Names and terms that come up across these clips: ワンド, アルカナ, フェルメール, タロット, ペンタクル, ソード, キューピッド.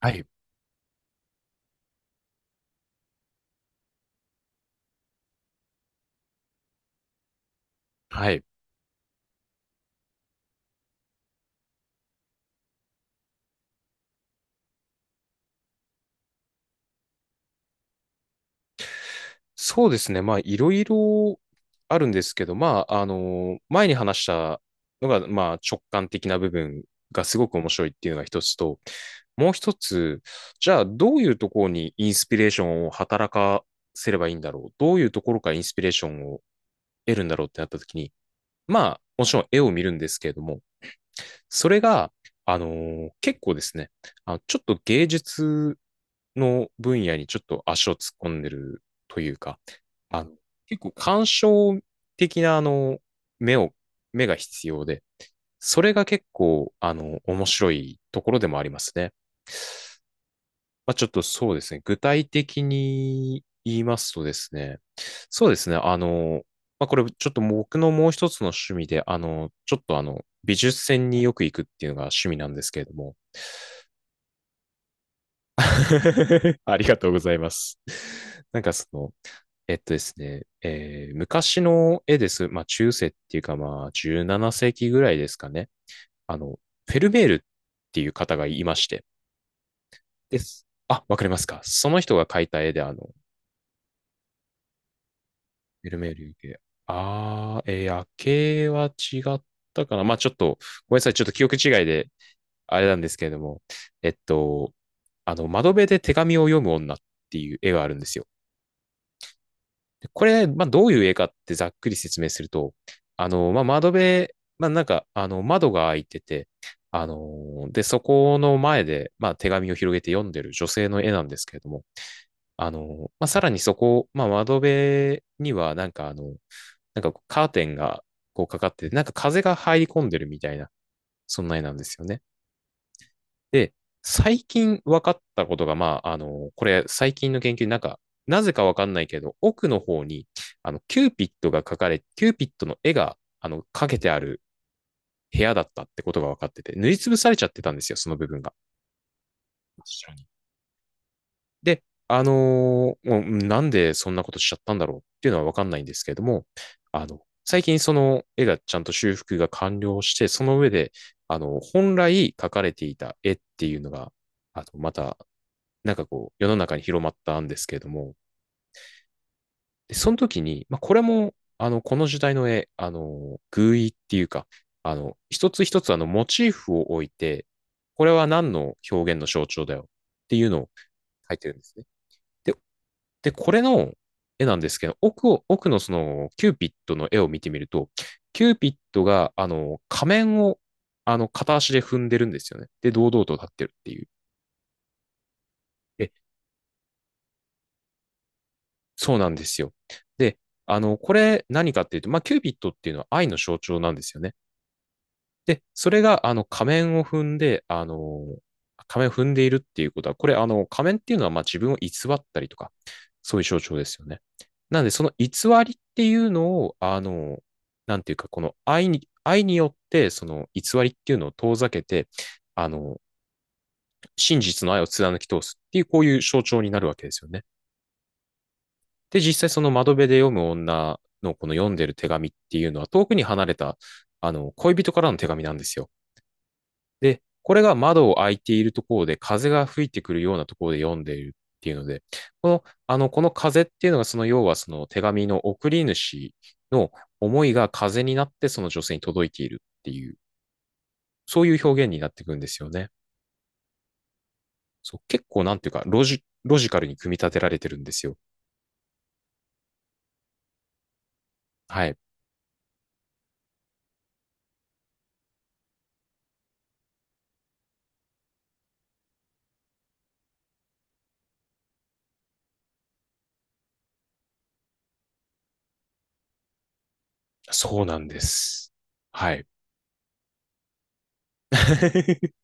はい。はい。そうですね。まあ、いろいろあるんですけど、まあ、前に話したのが、まあ、直感的な部分がすごく面白いっていうのが一つと、もう一つ、じゃあ、どういうところにインスピレーションを働かせればいいんだろう。どういうところからインスピレーションを得るんだろうってなった時に、まあ、もちろん絵を見るんですけれども、それが、結構ですね、あ、ちょっと芸術の分野にちょっと足を突っ込んでるというか、あの、結構鑑賞的な、目を、目が必要で、それが結構、面白いところでもありますね。まあ、ちょっとそうですね。具体的に言いますとですね、そうですね。まあ、これちょっと僕のもう一つの趣味で、ちょっと美術展によく行くっていうのが趣味なんですけれども。ありがとうございます。なんかその、えっとですね、えー昔の絵です。まあ、中世っていうか、まあ、17世紀ぐらいですかね。あの、フェルメールっていう方がいまして。です。あ、わかりますか。その人が描いた絵で、あの、フェルメール夜景。あー、夜景は違ったかな。まあ、ちょっと、ごめんなさい。ちょっと記憶違いで、あれなんですけれども、えっと、窓辺で手紙を読む女っていう絵があるんですよ。これ、まあ、どういう絵かってざっくり説明すると、まあ、窓辺、まあ、なんか、窓が開いてて、で、そこの前で、まあ、手紙を広げて読んでる女性の絵なんですけれども、まあ、さらにそこ、まあ、窓辺には、なんかなんかカーテンがこうかかってて、なんか風が入り込んでるみたいな、そんな絵なんですよね。で、最近分かったことが、まあ、これ最近の研究でなんか、なぜか分かんないけど、奥の方に、キューピッドの絵が、かけてある部屋だったってことが分かってて、塗りつぶされちゃってたんですよ、その部分が。確かに。で、もうなんでそんなことしちゃったんだろうっていうのは分かんないんですけれども、最近その絵がちゃんと修復が完了して、その上で、本来描かれていた絵っていうのが、またなんかこう、世の中に広まったんですけれども、でその時に、まあ、これも、この時代の絵、寓意っていうか、一つ一つモチーフを置いて、これは何の表現の象徴だよっていうのを書いてるんですね。で、で、これの絵なんですけど、奥のその、キューピッドの絵を見てみると、キューピッドが、仮面を、片足で踏んでるんですよね。で、堂々と立ってるっていう。絵そうなんですよ。で、これ何かっていうと、まあ、キュービットっていうのは愛の象徴なんですよね。で、それが、仮面を踏んで、いるっていうことは、これ、仮面っていうのは、まあ、自分を偽ったりとか、そういう象徴ですよね。なんで、その偽りっていうのを、なんていうか、この愛に、愛によって、その偽りっていうのを遠ざけて、あの、真実の愛を貫き通すっていう、こういう象徴になるわけですよね。で、実際その窓辺で読む女のこの読んでる手紙っていうのは遠くに離れた、恋人からの手紙なんですよ。で、これが窓を開いているところで風が吹いてくるようなところで読んでいるっていうので、この、この風っていうのがその要はその手紙の送り主の思いが風になってその女性に届いているっていう、そういう表現になってくるんですよね。そう、結構なんていうか、ロジカルに組み立てられてるんですよ。はい。そうなんです。はい。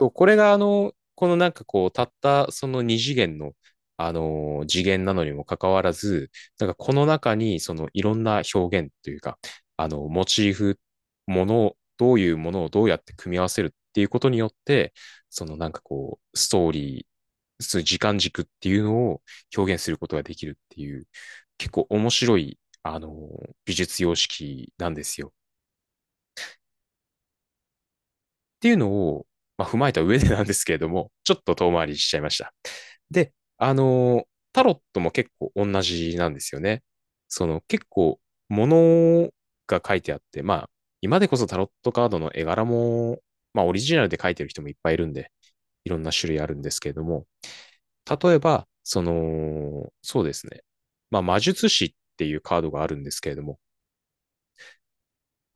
そうこれがあの、このなんかこう、たったその二次元の次元なのにもかかわらず、なんかこの中にそのいろんな表現というか、モチーフ、ものを、どういうものをどうやって組み合わせるっていうことによって、そのなんかこう、ストーリー、そういう時間軸っていうのを表現することができるっていう、結構面白い、美術様式なんですよ。っていうのを、まあ、踏まえた上でなんですけれども、ちょっと遠回りしちゃいました。で、タロットも結構同じなんですよね。その結構、物が書いてあって、まあ、今でこそタロットカードの絵柄も、まあ、オリジナルで書いてる人もいっぱいいるんで、いろんな種類あるんですけれども、例えば、その、そうですね。まあ、魔術師っていうカードがあるんですけれども、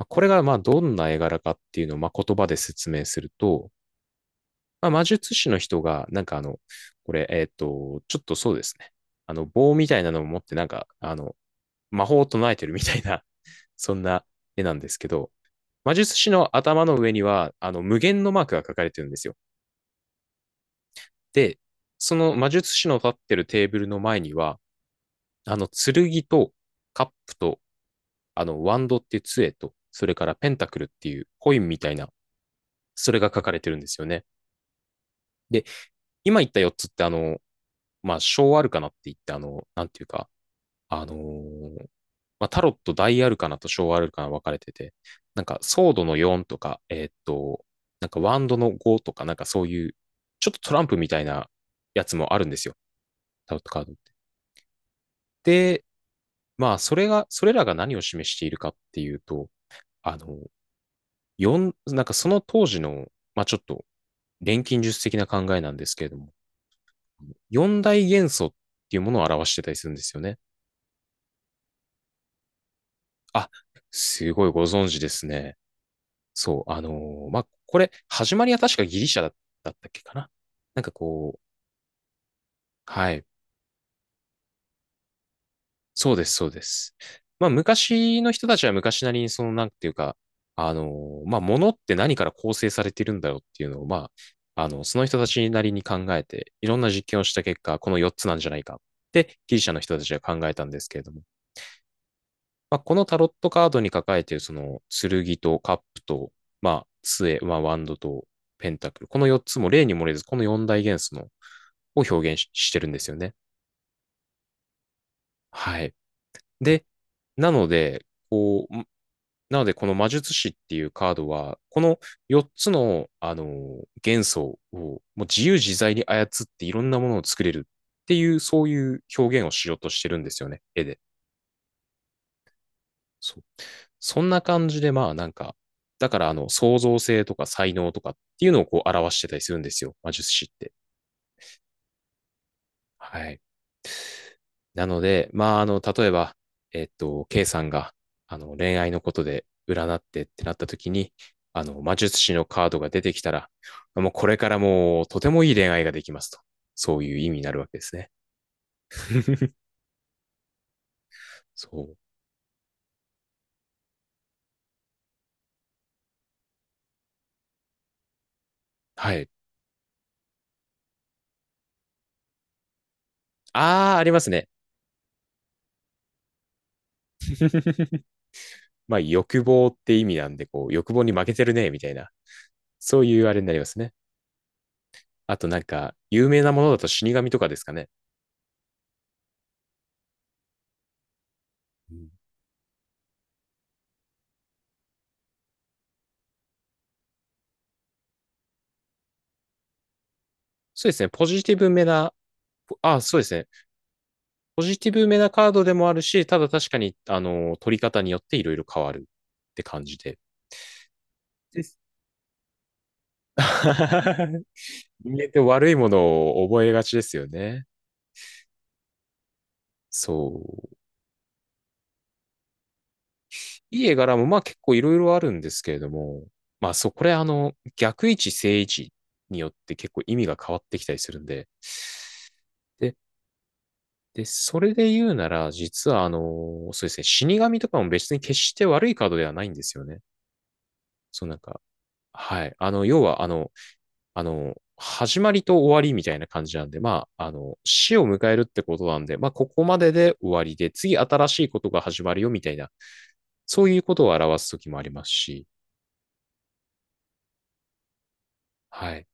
これがまあどんな絵柄かっていうのをまあ言葉で説明すると、まあ、魔術師の人が、なんかこれ、ちょっとそうですね。棒みたいなのを持って、なんか、魔法を唱えてるみたいな、そんな絵なんですけど、魔術師の頭の上には、無限のマークが書かれてるんですよ。で、その魔術師の立ってるテーブルの前には、剣とカップと、ワンドっていう杖と、それからペンタクルっていうコインみたいな、それが書かれてるんですよね。で、今言った4つって、まあ、小アルカナって言って、なんていうか、あのーまあ、タロット大アルカナと小アルカナ分かれてて、なんかソードの4とか、なんかワンドの5とか、なんかそういう、ちょっとトランプみたいなやつもあるんですよ。タロットカードって。で、まあ、それらが何を示しているかっていうと、あの、なんかその当時の、まあちょっと錬金術的な考えなんですけれども、四大元素っていうものを表してたりするんですよね。あ、すごいご存知ですね。そう、まあ、これ、始まりは確かギリシャだったっけかな。なんかこう、はい。そうです、そうです。まあ、昔の人たちは昔なりに、その、なんていうか、まあ、物って何から構成されているんだろうっていうのを、まあ、その人たちなりに考えて、いろんな実験をした結果、この4つなんじゃないかって、ギリシャの人たちは考えたんですけれども、まあ、このタロットカードに抱かれているその剣とカップと、まあ、杖、まあ、ワンドとペンタクル。この4つも例に漏れず、この4大元素のを表現ししてるんですよね。はい。で、なので、こう、なのでこの魔術師っていうカードは、この4つの、元素をもう自由自在に操っていろんなものを作れるっていう、そういう表現をしようとしてるんですよね、絵で。そう。そんな感じで、まあなんか、だから創造性とか才能とかっていうのをこう表してたりするんですよ。魔術師って。はい。なので、まあ例えば、Kさんが、恋愛のことで占ってってなった時に、魔術師のカードが出てきたら、もうこれからもうとてもいい恋愛ができますと。そういう意味になるわけですね。そう。はい。ああ、ありますね。まあ欲望って意味なんで、こう、欲望に負けてるね、みたいな。そういうあれになりますね。あとなんか、有名なものだと死神とかですかね。うんそうですね。ポジティブめな、あ、そうですね。ポジティブめなカードでもあるし、ただ確かに、取り方によっていろいろ変わるって感じで。です。人間って悪いものを覚えがちですよね。そう。いい絵柄もまあ結構いろいろあるんですけれども、まあそう、これあの、逆位置、正位置によって結構意味が変わってきたりするんで、で、で、それで言うなら、実はあのそうですね、死神とかも別に決して悪いカードではないんですよね。そうなんか、はい。要は始まりと終わりみたいな感じなんで、まあ、死を迎えるってことなんで、まあ、ここまでで終わりで、次新しいことが始まるよみたいな、そういうことを表すときもありますし、はい。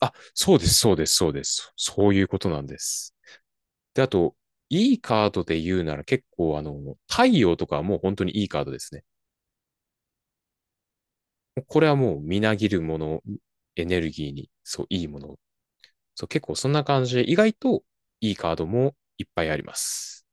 あ、そうです、そうです、そうです。そういうことなんです。で、あと、いいカードで言うなら結構あの、太陽とかはもう本当にいいカードですね。これはもうみなぎるもの、エネルギーに、そう、いいもの。そう、結構そんな感じで、意外といいカードもいっぱいあります。